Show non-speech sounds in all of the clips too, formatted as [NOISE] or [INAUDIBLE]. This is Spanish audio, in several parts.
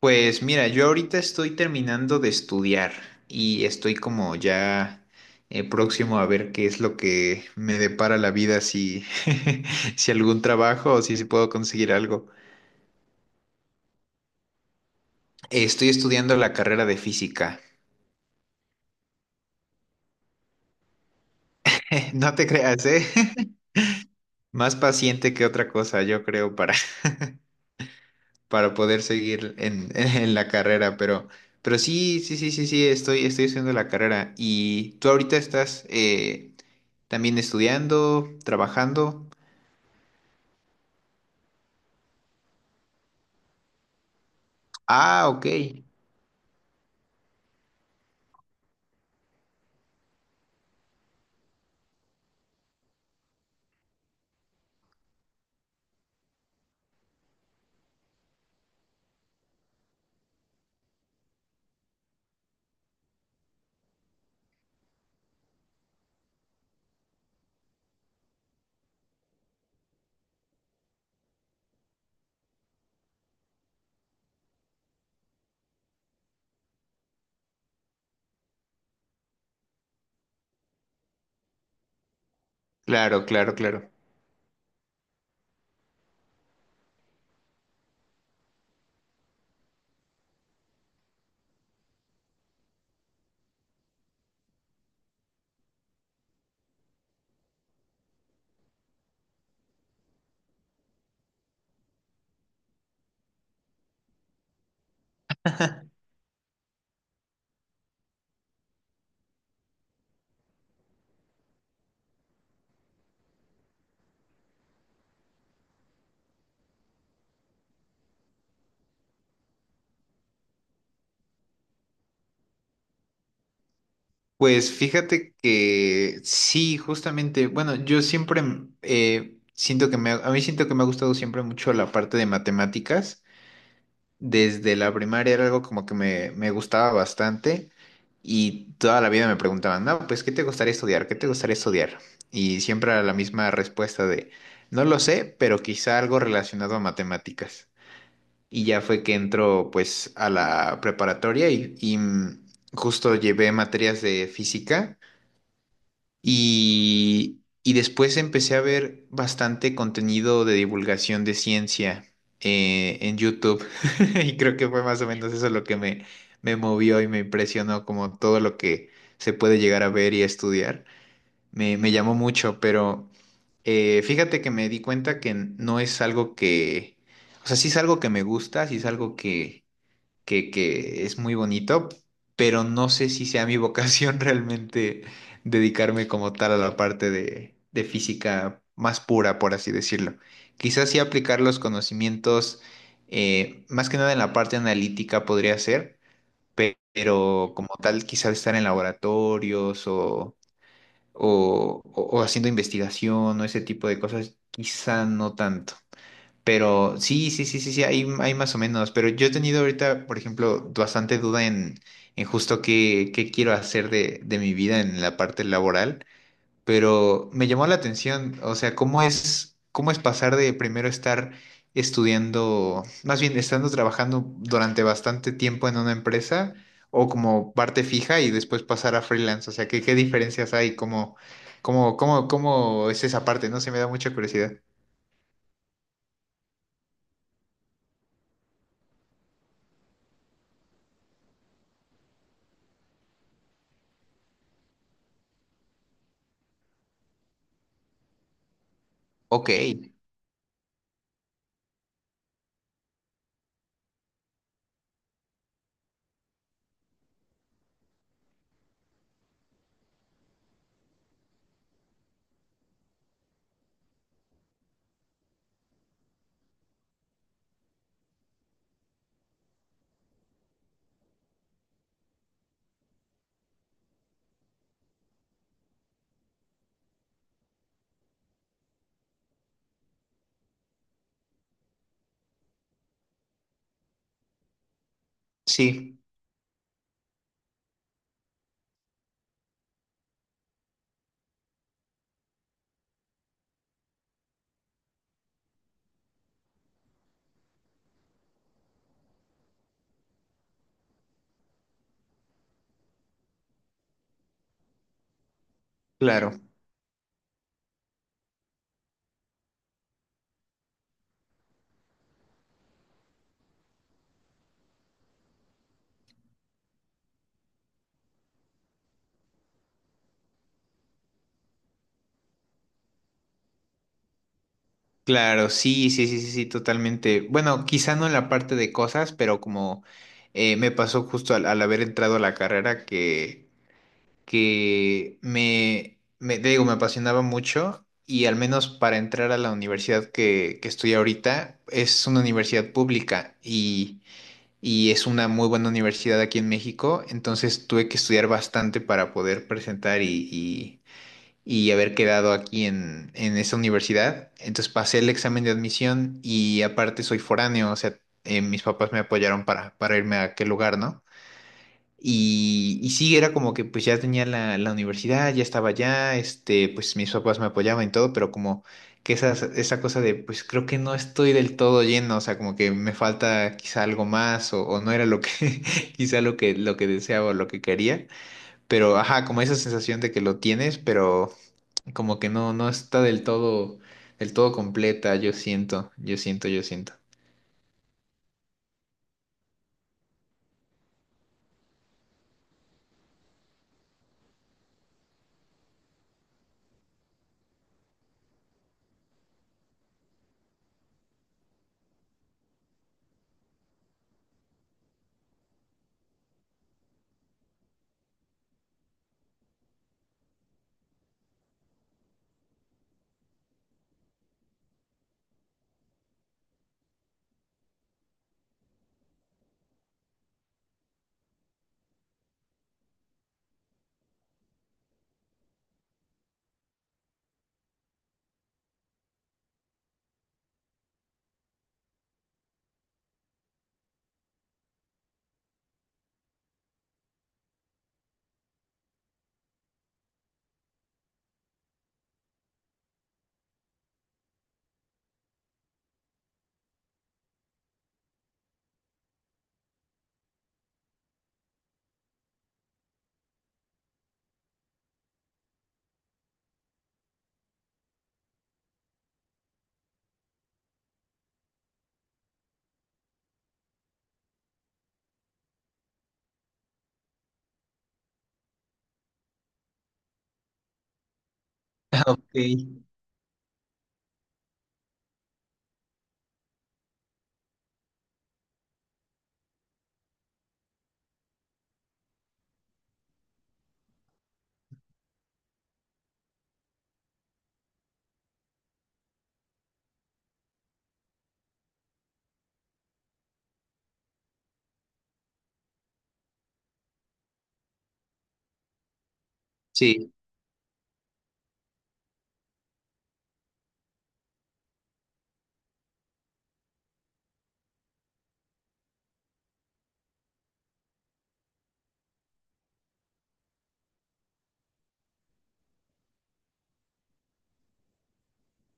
Pues mira, yo ahorita estoy terminando de estudiar y estoy como ya próximo a ver qué es lo que me depara la vida, si, [LAUGHS] si algún trabajo o si puedo conseguir algo. Estoy estudiando la carrera de física. [LAUGHS] No te creas, ¿eh? [LAUGHS] Más paciente que otra cosa, yo creo, para [LAUGHS] para poder seguir [LAUGHS] en la carrera, pero sí, sí, sí, sí, sí, estoy haciendo la carrera. ¿Y tú ahorita estás también estudiando, trabajando? Ah, ok. Claro, claro, claro. Pues fíjate que sí, justamente, bueno, yo siempre siento a mí siento que me ha gustado siempre mucho la parte de matemáticas. Desde la primaria era algo como que me gustaba bastante y toda la vida me preguntaban, no, pues, ¿qué te gustaría estudiar? ¿Qué te gustaría estudiar? Y siempre era la misma respuesta de, no lo sé, pero quizá algo relacionado a matemáticas. Y ya fue que entró pues a la preparatoria y justo llevé materias de física y después empecé a ver bastante contenido de divulgación de ciencia en YouTube. [LAUGHS] Y creo que fue más o menos eso lo que me movió y me impresionó, como todo lo que se puede llegar a ver y a estudiar. Me llamó mucho, pero fíjate que me di cuenta que no es algo que, o sea, sí es algo que me gusta, sí es algo que es muy bonito, pero no sé si sea mi vocación [LAUGHS] realmente dedicarme como tal a la parte de física más pura, por así decirlo. Quizás sí aplicar los conocimientos, más que nada en la parte analítica podría ser, pero como tal quizás estar en laboratorios o haciendo investigación o ese tipo de cosas, quizá no tanto. Pero sí, sí, sí, sí, sí, hay más o menos. Pero yo he tenido ahorita, por ejemplo, bastante duda en justo qué quiero hacer de mi vida en la parte laboral. Pero me llamó la atención, o sea, cómo es pasar de primero estar estudiando, más bien estando trabajando durante bastante tiempo en una empresa o como parte fija y después pasar a freelance. O sea, qué diferencias hay, cómo es esa parte, ¿no? Se me da mucha curiosidad. Ok, sí. Claro, claro, sí, sí, sí, sí, sí, totalmente. Bueno, quizá no en la parte de cosas, pero como me pasó justo al haber entrado a la carrera que, te digo, me apasionaba mucho y al menos para entrar a la universidad que estoy ahorita, es una universidad pública y es una muy buena universidad aquí en México, entonces tuve que estudiar bastante para poder presentar y haber quedado aquí en esta universidad. Entonces pasé el examen de admisión y aparte soy foráneo, o sea, mis papás me apoyaron para irme a aquel lugar, ¿no? Y sí, era como que pues ya tenía la universidad, ya estaba allá, este, pues mis papás me apoyaban y todo, pero como que esa cosa de pues creo que no estoy del todo lleno, o sea, como que me falta quizá algo más o no era lo que [LAUGHS] quizá lo lo que deseaba o lo que quería, pero ajá, como esa sensación de que lo tienes, pero como que no, no está del todo completa, yo siento, yo siento, yo siento. [LAUGHS] Ok, sí.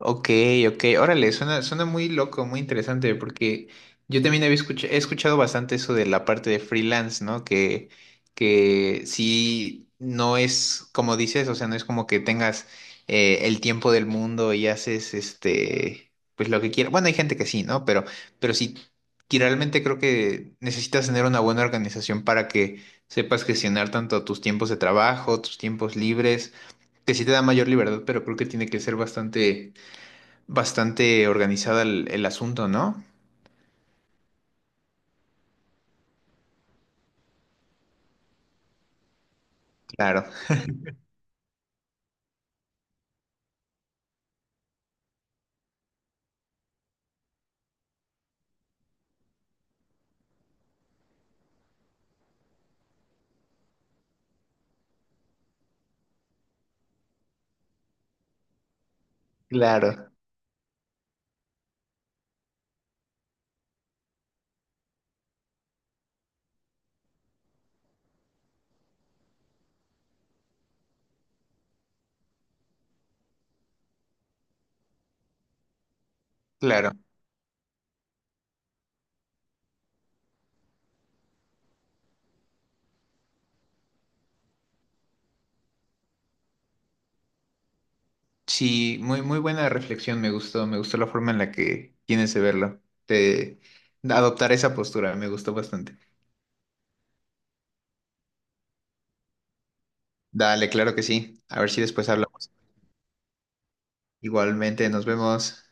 Ok, ok, órale, suena, suena muy loco, muy interesante, porque yo también he escuchado bastante eso de la parte de freelance, ¿no? Que sí, no es como dices, o sea, no es como que tengas el tiempo del mundo y haces este, pues lo que quieras. Bueno, hay gente que sí, ¿no? Pero sí, que realmente creo que necesitas tener una buena organización para que sepas gestionar tanto tus tiempos de trabajo, tus tiempos libres, que sí te da mayor libertad, pero creo que tiene que ser bastante. Bastante organizado el asunto, ¿no? Claro, claro, claro. Sí, muy, muy buena reflexión, me gustó la forma en la que tienes de verlo, de de adoptar esa postura, me gustó bastante. Dale, claro que sí. A ver si después hablamos. Igualmente, nos vemos.